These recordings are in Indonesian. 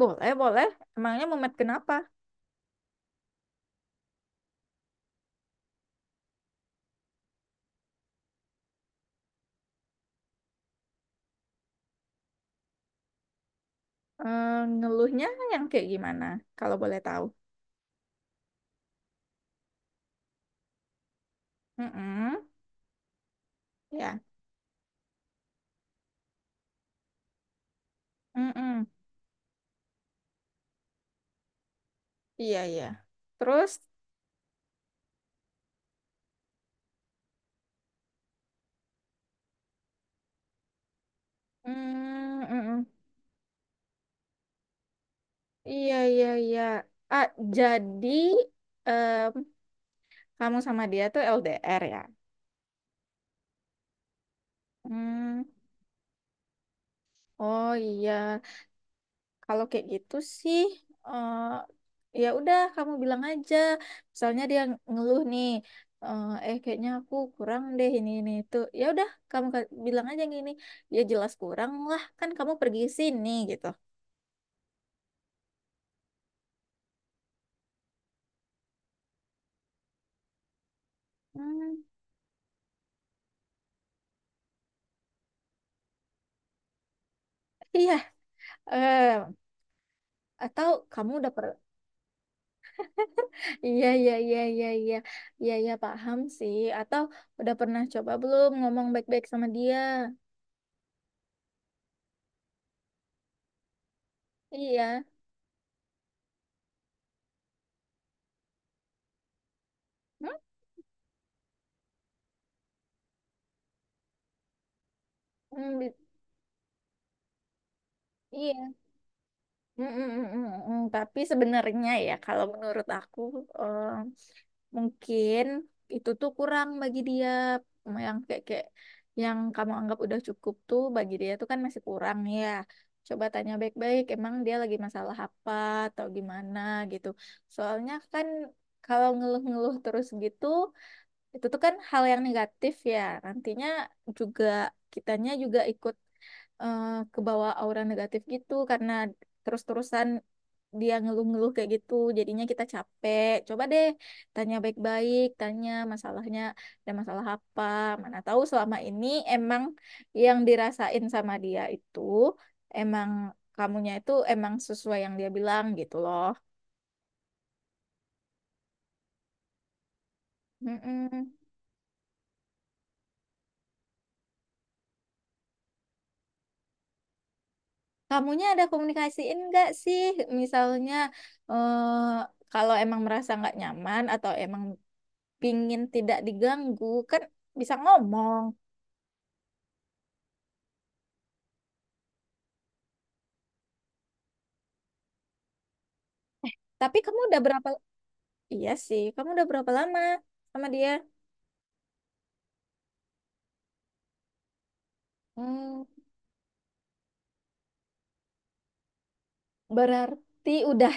Boleh, boleh. Emangnya mumet kenapa? Eh, Ngeluhnya yang kayak gimana? Kalau boleh tahu. Mm-mm. Ya. Mm-mm. Iya, iya. Terus, mm, mm-mm. Iya, iya, iya. Ah, jadi em, kamu sama dia tuh LDR ya? Hmm. Oh iya. Kalau kayak gitu sih, eh ya udah kamu bilang aja. Misalnya dia ngeluh nih, "Eh, kayaknya aku kurang deh ini itu. Ya udah kamu bilang aja gini, ya jelas kurang lah kan kamu pergi sini gitu. Hmm, iya, eh atau kamu udah pernah? Iya iya iya iya iya iya iya paham sih. Atau udah pernah coba belum ngomong baik-baik sama dia? Iya, hmm? Hmm, iya. Mm, mm, mm, mm, mm. Tapi sebenarnya ya kalau menurut aku eh, mungkin itu tuh kurang bagi dia yang kayak kayak yang kamu anggap udah cukup tuh bagi dia tuh kan masih kurang ya. Coba tanya baik-baik emang dia lagi masalah apa atau gimana gitu. Soalnya kan kalau ngeluh-ngeluh terus gitu itu tuh kan hal yang negatif ya. Nantinya juga kitanya juga ikut eh kebawa aura negatif gitu karena terus-terusan dia ngeluh-ngeluh kayak gitu jadinya kita capek. Coba deh tanya baik-baik, tanya masalahnya, ada masalah apa, mana tahu selama ini emang yang dirasain sama dia itu emang kamunya itu emang sesuai yang dia bilang gitu loh. Mm-mm. Kamunya ada komunikasiin nggak sih? Misalnya, eh, kalau emang merasa nggak nyaman atau emang pingin tidak diganggu kan bisa ngomong. Tapi kamu udah berapa, iya sih, kamu udah berapa lama sama dia? Hmm, berarti udah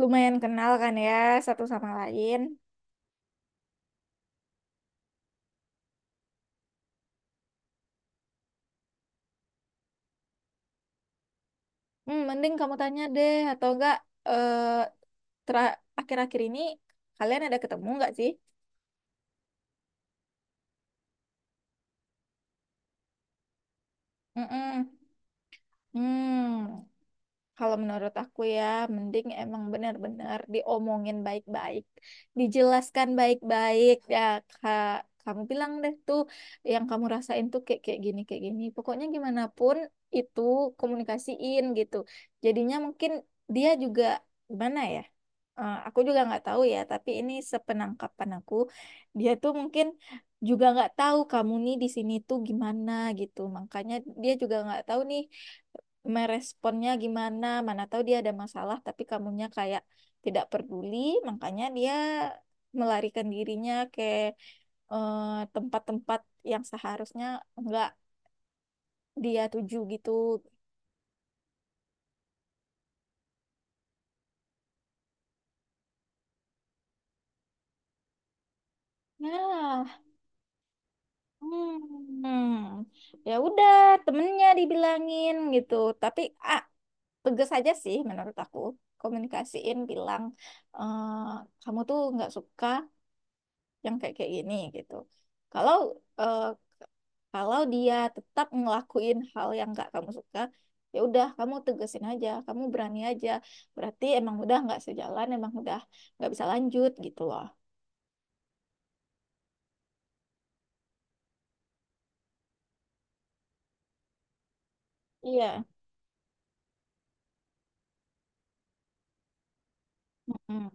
lumayan kenal kan ya, satu sama lain. Hmm, mending kamu tanya deh atau enggak. eh Akhir-akhir ini kalian ada ketemu nggak sih? Mm-mm. Hmm. Kalau menurut aku ya, mending emang benar-benar diomongin baik-baik, dijelaskan baik-baik ya Kak. Kamu bilang deh tuh yang kamu rasain tuh kayak kayak gini kayak gini. Pokoknya gimana pun itu komunikasiin gitu. Jadinya mungkin dia juga, gimana ya? Eh, aku juga nggak tahu ya, tapi ini sepenangkapan aku, dia tuh mungkin juga nggak tahu kamu nih di sini tuh gimana gitu. Makanya dia juga nggak tahu nih meresponnya gimana, mana tahu dia ada masalah tapi kamunya kayak tidak peduli, makanya dia melarikan dirinya ke eh, tempat-tempat yang seharusnya enggak dia tuju gitu. Ya. Hmm, ya udah temennya dibilangin gitu, tapi ah tegas aja sih menurut aku. Komunikasiin, bilang, eh, kamu tuh nggak suka yang kayak kayak gini gitu. kalau eh, Kalau dia tetap ngelakuin hal yang nggak kamu suka, ya udah kamu tegesin aja, kamu berani aja. Berarti emang udah nggak sejalan, emang udah nggak bisa lanjut gitu loh. Iya. Mm-mm.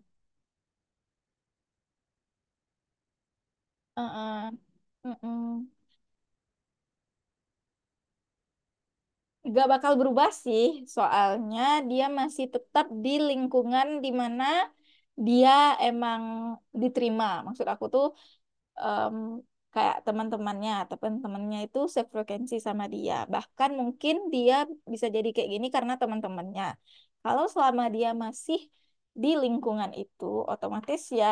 Uh-uh. Mm-mm. Nggak bakal berubah sih, soalnya dia masih tetap di lingkungan di mana dia emang diterima. Maksud aku tuh em, kayak teman-temannya, teman-temannya itu sefrekuensi sama dia. Bahkan mungkin dia bisa jadi kayak gini karena teman-temannya. Kalau selama dia masih di lingkungan itu, otomatis ya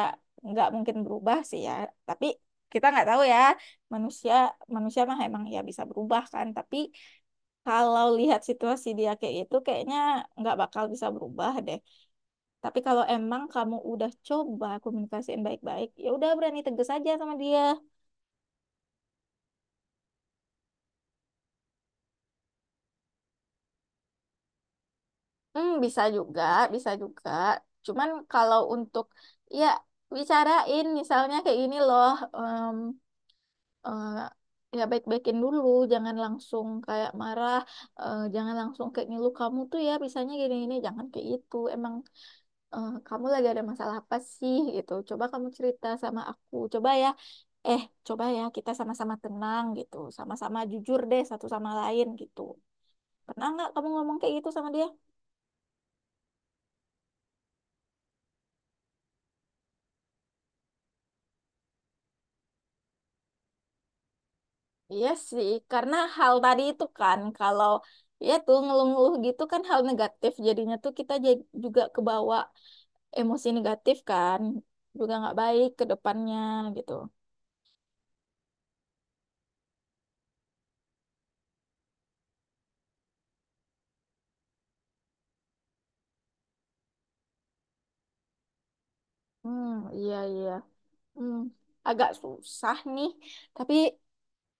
nggak mungkin berubah sih ya. Tapi kita nggak tahu ya, manusia, manusia mah emang ya bisa berubah kan. Tapi kalau lihat situasi dia kayak gitu, kayaknya nggak bakal bisa berubah deh. Tapi kalau emang kamu udah coba komunikasiin baik-baik, ya udah berani tegas aja sama dia. Hmm, bisa juga, bisa juga. Cuman kalau untuk ya bicarain misalnya kayak gini loh, em, eh, ya baik-baikin dulu, jangan langsung kayak marah, jangan langsung kayak ngilu kamu tuh ya bisanya gini-gini, jangan kayak gitu. Emang kamu lagi ada masalah apa sih gitu? Coba kamu cerita sama aku, coba ya. Eh, coba ya kita sama-sama tenang gitu, sama-sama jujur deh satu sama lain gitu. Pernah nggak kamu ngomong kayak gitu sama dia? Iya sih, karena hal tadi itu kan, kalau ya tuh ngeluh-ngeluh gitu kan hal negatif, jadinya tuh kita jadi juga kebawa emosi negatif kan, juga nggak baik ke depannya gitu. Hmm, iya iya. Hmm, agak susah nih, tapi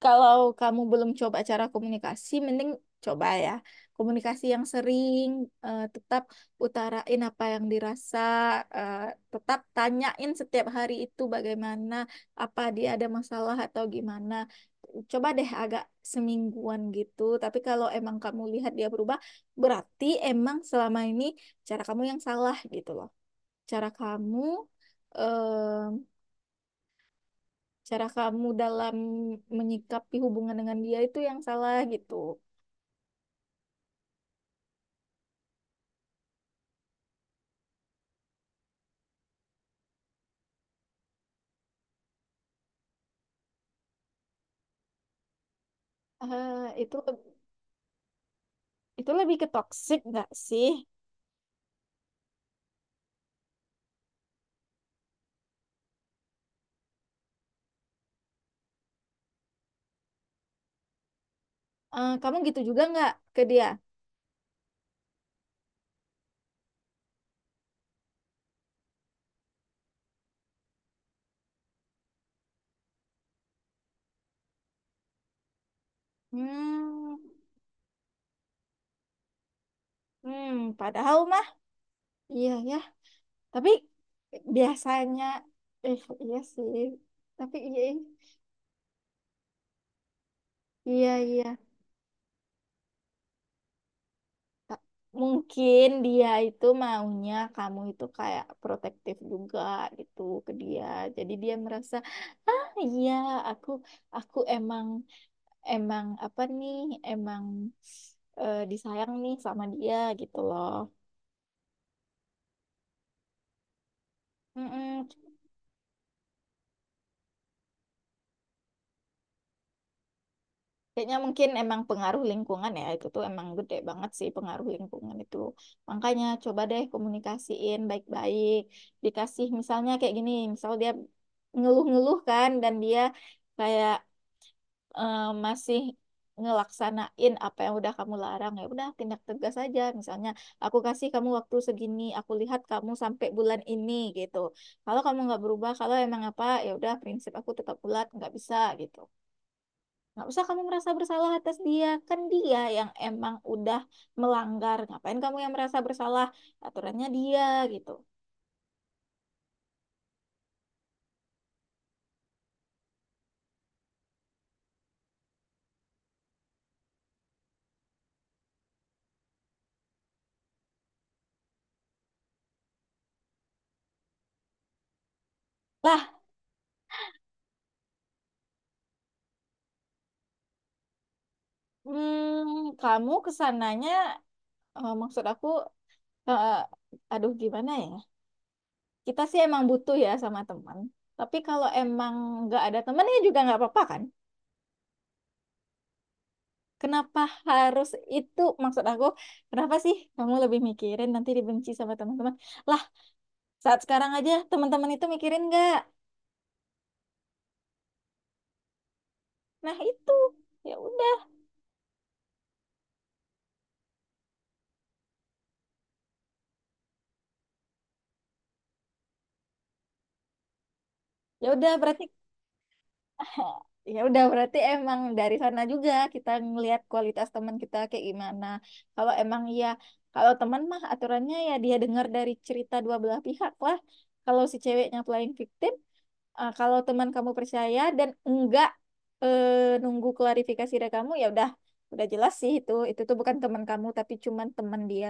kalau kamu belum coba cara komunikasi, mending coba ya. Komunikasi yang sering, tetap utarain apa yang dirasa, eh, tetap tanyain setiap hari itu bagaimana, apa dia ada masalah atau gimana. Coba deh agak semingguan gitu. Tapi kalau emang kamu lihat dia berubah, berarti emang selama ini cara kamu yang salah gitu loh. Cara kamu, eh, cara kamu dalam menyikapi hubungan dengan dia itu yang salah gitu. Eh, itu itu lebih ke toxic nggak sih? Eh, kamu gitu juga nggak ke dia? Hmm, hmm, padahal mah iya ya. Tapi biasanya eh iya sih. Tapi iya iya iya. Ta- Mungkin dia itu maunya kamu itu kayak protektif juga gitu ke dia. Jadi dia merasa, ah iya aku aku emang, emang apa nih, emang disayang nih sama dia gitu loh. Mm-mm. Kayaknya mungkin emang pengaruh lingkungan ya, itu tuh emang gede banget sih pengaruh lingkungan itu. Makanya coba deh komunikasiin baik-baik. Dikasih misalnya kayak gini, misal dia ngeluh-ngeluh kan dan dia kayak eh, masih ngelaksanain apa yang udah kamu larang, ya udah tindak tegas aja. Misalnya, aku kasih kamu waktu segini, aku lihat kamu sampai bulan ini gitu, kalau kamu nggak berubah, kalau emang apa, ya udah prinsip aku tetap bulat nggak bisa gitu. Nggak usah kamu merasa bersalah atas dia, kan dia yang emang udah melanggar, ngapain kamu yang merasa bersalah, aturannya dia gitu. Lah, hmm, kamu kesananya, maksud aku, eh, aduh gimana ya, kita sih emang butuh ya sama teman. Tapi kalau emang nggak ada temennya juga nggak apa-apa kan? Kenapa harus itu? Maksud aku, kenapa sih kamu lebih mikirin nanti dibenci sama teman-teman? Lah, saat sekarang aja teman-teman itu mikirin nggak? Nah itu, ya udah, ya udah berarti, oh, ya udah berarti emang dari sana juga kita ngelihat kualitas teman kita kayak gimana. Kalau emang ya, kalau teman mah aturannya ya dia dengar dari cerita dua belah pihak lah. Kalau si ceweknya playing victim, kalau teman kamu percaya dan enggak nunggu klarifikasi dari kamu, ya udah jelas sih itu tuh bukan teman kamu tapi cuman teman dia.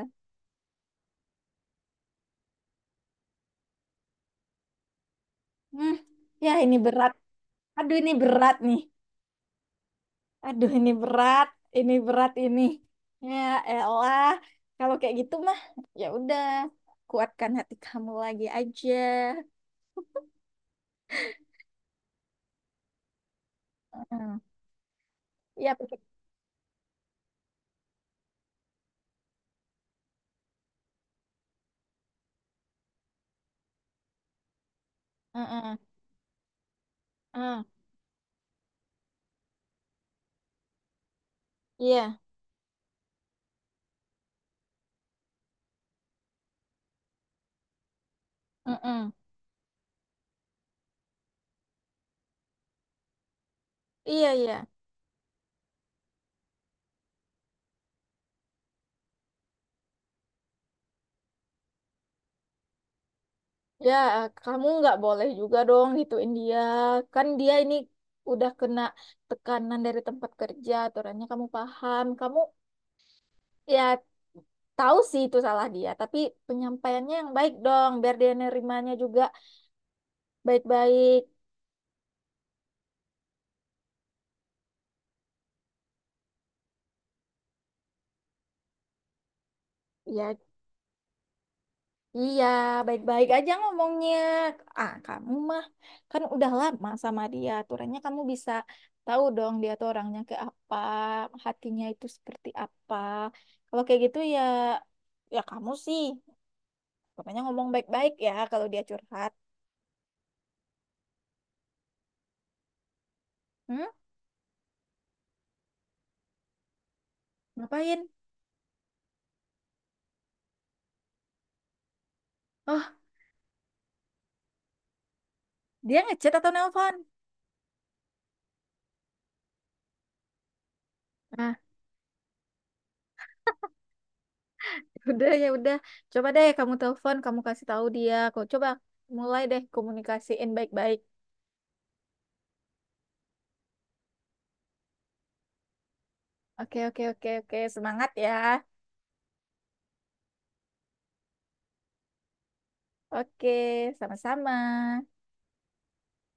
Hmm, ya ini berat. Aduh ini berat nih. Aduh, ini berat, ini berat ini. Ya elah, kalau kayak gitu mah ya udah, kuatkan hati kamu lagi aja. Heeh. Iya, pikir. Heeh. Heeh. Iya. Heeh. Iya, iya. Ya, kamu nggak boleh juga dong gituin dia. Kan dia ini udah kena tekanan dari tempat kerja, aturannya kamu paham. Kamu ya tahu sih itu salah dia, tapi penyampaiannya yang baik dong, biar dia nerimanya juga baik-baik. Ya, iya, baik-baik aja ngomongnya. Ah, kamu mah kan udah lama sama dia. Aturannya kamu bisa tahu dong dia tuh orangnya kayak apa, hatinya itu seperti apa. Kalau kayak gitu ya, ya kamu sih. Pokoknya ngomong baik-baik ya kalau dia curhat. Hmm? Ngapain? Oh, dia ngechat atau nelpon? Nah, udah ya udah. Coba deh kamu telepon, kamu kasih tahu dia. Kok coba mulai deh komunikasiin baik-baik. Oke, oke, oke, oke. Semangat ya. Oke, sama-sama.